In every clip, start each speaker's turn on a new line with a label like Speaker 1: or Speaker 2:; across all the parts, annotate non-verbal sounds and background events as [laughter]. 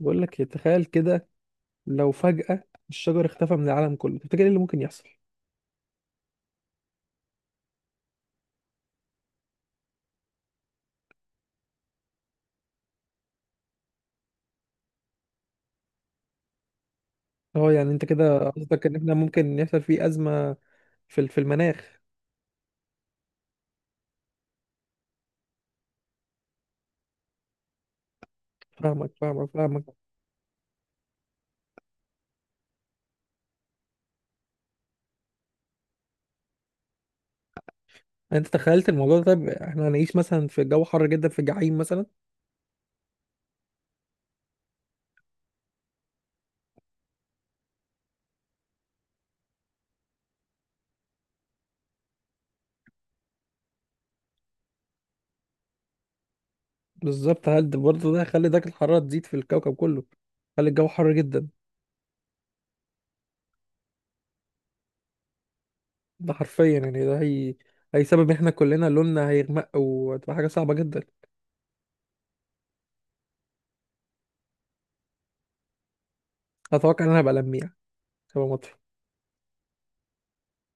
Speaker 1: بقول لك إيه، تخيل كده لو فجأة الشجر اختفى من العالم كله. تفتكر ايه اللي ممكن يحصل؟ اه، يعني انت كده قصدك ان احنا ممكن يحصل فيه أزمة في في المناخ. فاهمك فاهمك فاهمك. انت تخيلت الموضوع ده؟ طيب احنا هنعيش مثلا في جو حر جدا، في الجحيم مثلا. بالظبط. هل ده برضه ده هيخلي درجة الحرارة تزيد في الكوكب كله؟ هل الجو حر جدا؟ ده حرفيا يعني ده هيسبب ان احنا كلنا لوننا هيغمق وتبقى حاجة صعبة جدا. اتوقع ان انا هبقى لميع، هبقى مطفي.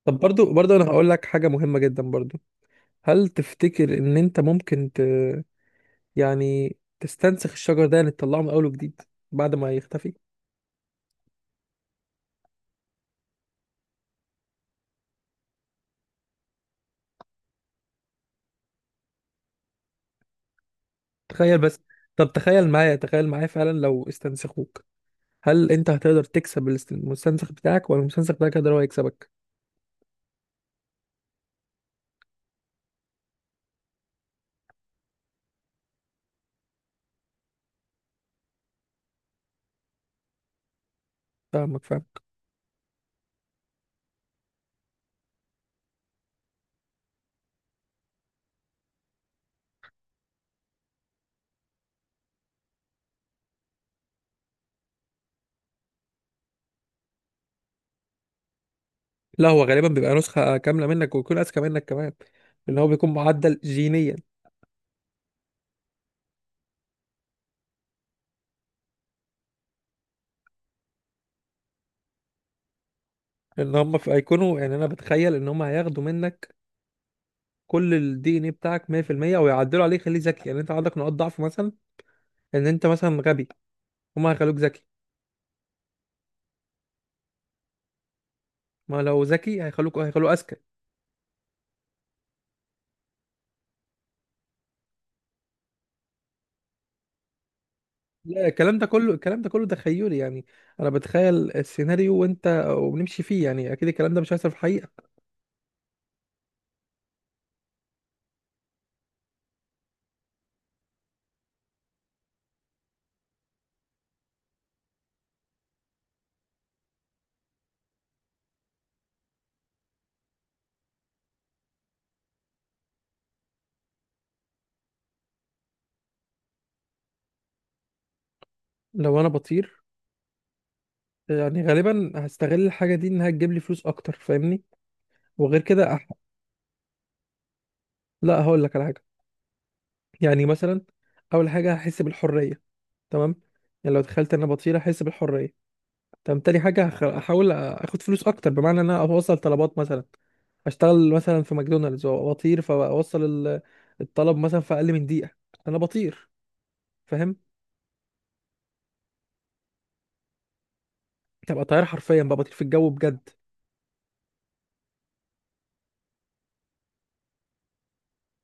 Speaker 1: طب برضو انا هقول لك حاجه مهمه جدا برضو. هل تفتكر ان انت ممكن يعني تستنسخ الشجر ده؟ يعني تطلعه من اول وجديد بعد ما يختفي. تخيل بس. طب تخيل معايا فعلا لو استنسخوك، هل انت هتقدر تكسب المستنسخ بتاعك، ولا المستنسخ بتاعك هيقدر هو يكسبك؟ فاهمك فاهمك. لا، هو غالبا بيبقى نسخة كاملة منك ويكون اذكى منك كمان، لان هو بيكون معدل جينيا. ان هم في هيكونوا، يعني انا بتخيل ان هم هياخدوا منك كل الدي ان ايه بتاعك 100%، ويعدلوا عليه يخليه ذكي. يعني انت عندك نقاط ضعف مثلا، ان انت مثلا غبي، هما هيخلوك ذكي. ما لو ذكي هيخلوه اذكى. لا، الكلام ده كله تخيلي يعني. انا بتخيل السيناريو وانت وبنمشي فيه. يعني اكيد الكلام ده مش هيحصل في الحقيقه. لو انا بطير، يعني غالبا هستغل الحاجه دي انها تجيب لي فلوس اكتر، فاهمني؟ وغير كده لا هقول لك على حاجه. يعني مثلا اول حاجه هحس بالحريه، تمام؟ يعني لو تخيلت ان انا بطير هحس بالحريه. طب تاني حاجة هحاول اخد فلوس اكتر، بمعنى ان انا اوصل طلبات مثلا، اشتغل مثلا في ماكدونالدز واطير، فاوصل الطلب مثلا في اقل من دقيقة. انا بطير، فاهم؟ تبقى طيار حرفيا بقى، بطير في الجو بجد.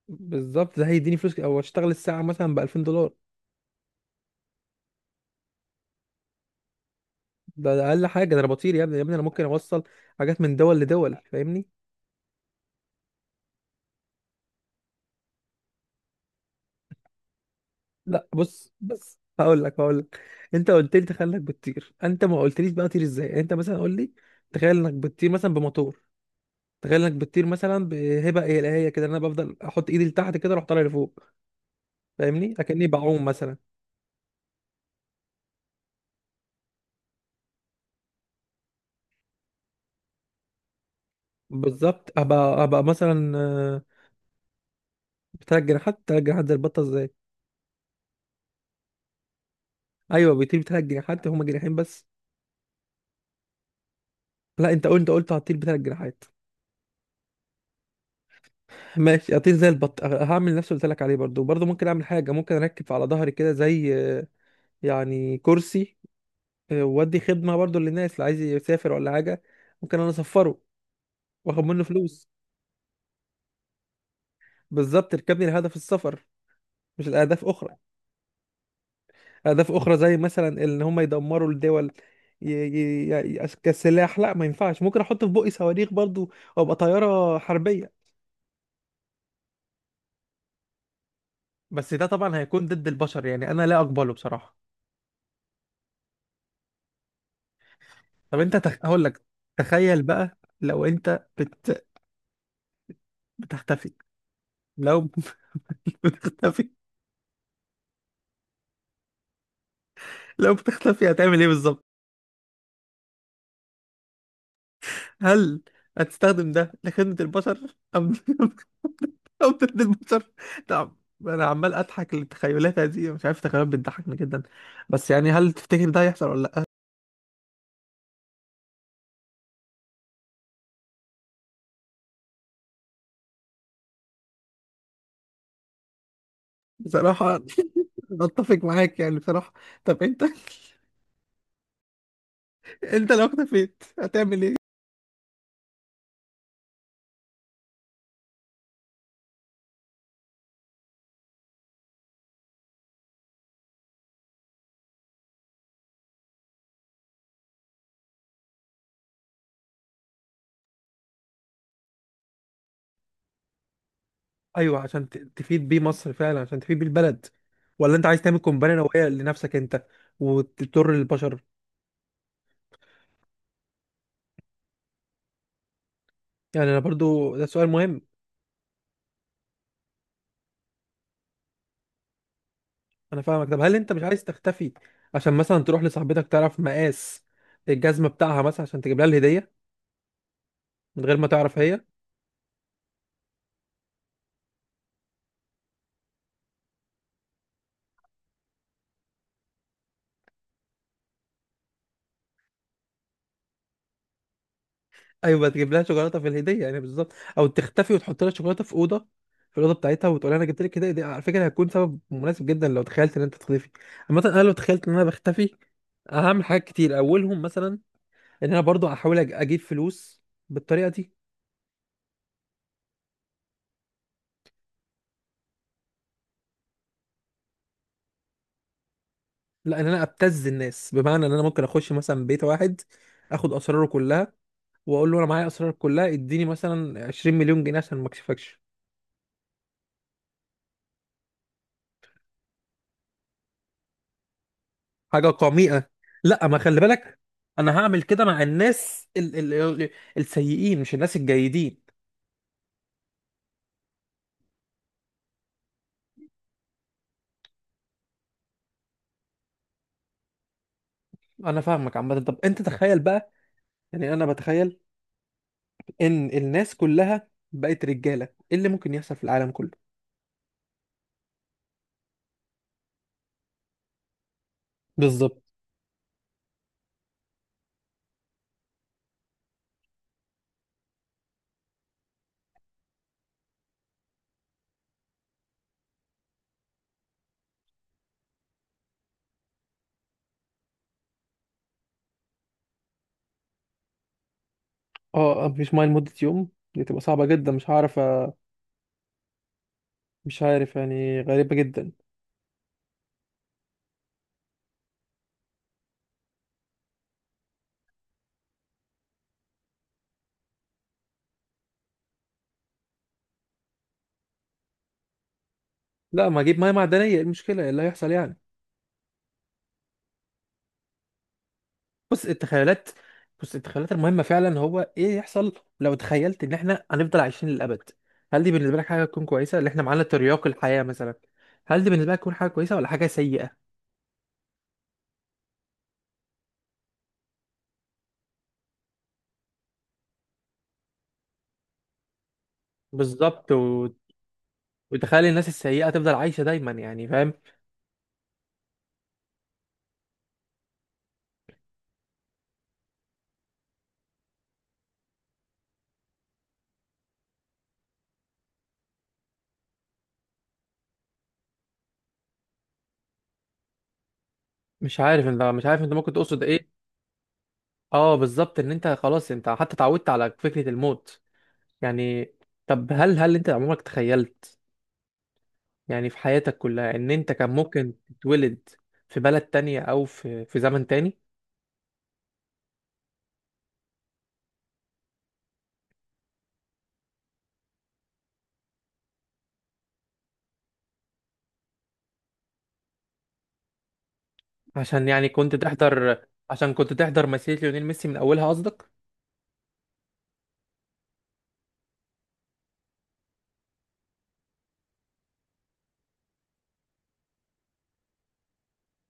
Speaker 1: بالظبط. ده هيديني فلوس، او اشتغل الساعة مثلا ب 2000 دولار. ده اقل حاجة. ده انا بطير يا ابني يا ابني، انا ممكن اوصل حاجات من دول لدول، فاهمني؟ لا بص، بس هقول لك، انت قلت لي تخيل انك بتطير، انت ما قلتليش بقى طير ازاي. يعني انت مثلا قول لي تخيل انك بتطير مثلا بموتور، تخيل انك بتطير مثلا بهبه الهيه كده، إن انا بفضل احط ايدي لتحت كده اروح طالع لفوق، فاهمني؟ اكني بعوم مثلا. بالظبط. ابقى مثلا، بتلات جناحات، تلات جناحات زي البطه ازاي؟ ايوه، بيطير بتلات جناحات، هما جناحين بس. لا انت قلت هطير بتلات جناحات. ماشي، هطير زي البط. هعمل نفس اللي قلت لك عليه. برضو برضو ممكن اعمل حاجه، ممكن اركب على ظهري كده، زي يعني كرسي، وادي خدمه برضو للناس اللي عايز يسافر ولا حاجه. ممكن انا اسفره واخد منه فلوس. بالظبط، ركبني لهدف السفر، مش الاهداف اخرى. أهداف أخرى زي مثلا إن هم يدمروا الدول، ي... ي... كسلاح، لا ما ينفعش. ممكن أحط في بقي صواريخ برضو وأبقى طيارة حربية، بس ده طبعا هيكون ضد البشر، يعني أنا لا أقبله بصراحة. طب أنت هقول لك، تخيل بقى لو أنت بتختفي. لو [laughs] بتختفي، لو بتختفي هتعمل إيه بالظبط؟ هل هتستخدم ده لخدمة البشر أم [laughs] كوثر البشر؟ نعم، انا عمال اضحك للتخيلات هذه، مش عارف، تخيلات بتضحكني جدا. بس يعني هل تفتكر ده هيحصل ولا لا؟ بصراحه [laughs] أنا اتفق معاك، يعني بصراحه. طب انت [laughs] انت لو اختفيت هتعمل ايه؟ ايوه، عشان تفيد بيه مصر فعلا، عشان تفيد بيه البلد، ولا انت عايز تعمل قنبله نوويه لنفسك انت وتضر البشر؟ يعني انا برضو ده سؤال مهم. انا فاهمك. طب هل انت مش عايز تختفي عشان مثلا تروح لصاحبتك تعرف مقاس الجزمه بتاعها مثلا، عشان تجيب لها الهديه من غير ما تعرف هي؟ ايوه تجيب لها شوكولاته في الهديه، يعني بالظبط، او تختفي وتحط لها شوكولاته في اوضه في الاوضه بتاعتها، وتقول لها انا جبت لك هديه. دي على فكره هتكون سبب مناسب جدا لو تخيلت ان انت تختفي. عامه انا لو تخيلت ان انا بختفي، هعمل حاجات كتير، اولهم مثلا ان انا برضو هحاول اجيب فلوس بالطريقه دي. لا، ان انا ابتز الناس، بمعنى ان انا ممكن اخش مثلا بيت واحد، اخد اسراره كلها، واقول له انا معايا اسرارك كلها، اديني مثلا 20 مليون جنيه عشان ما اكشفكش. حاجه قميئه؟ لا، ما خلي بالك، انا هعمل كده مع الناس ال السيئين، مش الناس الجيدين. انا فاهمك. عامه طب انت تخيل بقى، يعني انا بتخيل ان الناس كلها بقت رجاله، ايه اللي ممكن يحصل في العالم كله؟ بالظبط. اه، مفيش ميه لمده يوم؟ دي تبقى صعبه جدا، مش هعرف مش عارف، يعني غريبه جدا. لا، ما اجيب ميه معدنيه، ايه المشكله، إيه اللي هيحصل يعني؟ بص التخيلات بص التخيلات المهمة فعلا هو ايه يحصل. لو تخيلت ان احنا هنفضل عايشين للأبد، هل دي بالنسبة لك حاجة تكون كويسة، اللي احنا معانا ترياق الحياة مثلا؟ هل دي بالنسبة لك تكون حاجة كويسة ولا حاجة سيئة؟ بالظبط، وتخيل الناس السيئة تفضل عايشة دايما، يعني فاهم. مش عارف، انت مش عارف انت ممكن تقصد ايه. اه بالظبط، ان انت خلاص انت حتى اتعودت على فكرة الموت يعني. طب هل انت عمرك تخيلت، يعني في حياتك كلها، ان انت كان ممكن تتولد في بلد تانية، او في زمن تاني؟ عشان يعني كنت تحضر، عشان كنت تحضر مسيرة ليونيل ميسي من أولها قصدك؟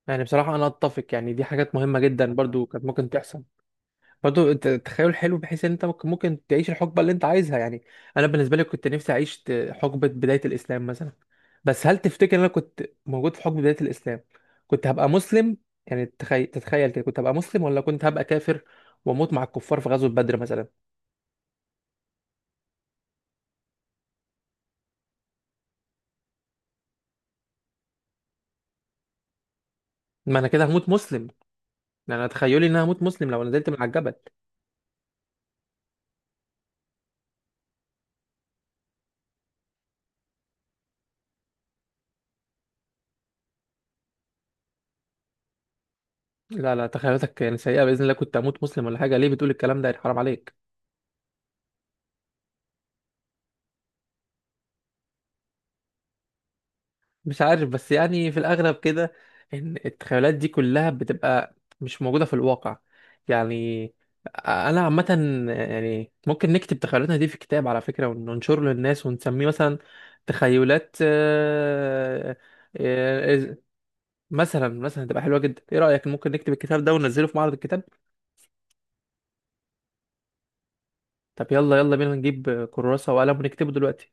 Speaker 1: يعني بصراحة أنا أتفق، يعني دي حاجات مهمة جدا، برضو كانت ممكن تحصل. برضو التخيل حلو، بحيث إن أنت ممكن ممكن تعيش الحقبة اللي أنت عايزها يعني. أنا بالنسبة لي كنت نفسي أعيش حقبة بداية الإسلام مثلا. بس هل تفتكر إن أنا كنت موجود في حقبة بداية الإسلام كنت هبقى مسلم؟ يعني تخيل، تتخيل كده كنت هبقى مسلم ولا كنت هبقى كافر وأموت مع الكفار في غزوة بدر مثلا؟ ما أنا كده هموت مسلم، يعني أنا تخيلي إن أنا هموت مسلم لو نزلت من على الجبل. لا لا، تخيلاتك يعني سيئة، بإذن الله كنت أموت مسلم ولا حاجة، ليه بتقول الكلام ده، يعني حرام عليك. مش عارف، بس يعني في الأغلب كده، إن التخيلات دي كلها بتبقى مش موجودة في الواقع. يعني أنا عامة، يعني ممكن نكتب تخيلاتنا دي في كتاب على فكرة، وننشره للناس، ونسميه مثلا تخيلات آه، مثلا مثلا تبقى حلوة جدا. إيه رأيك، ممكن نكتب الكتاب ده وننزله في معرض الكتاب؟ طب يلا يلا بينا نجيب كراسة وقلم ونكتبه دلوقتي.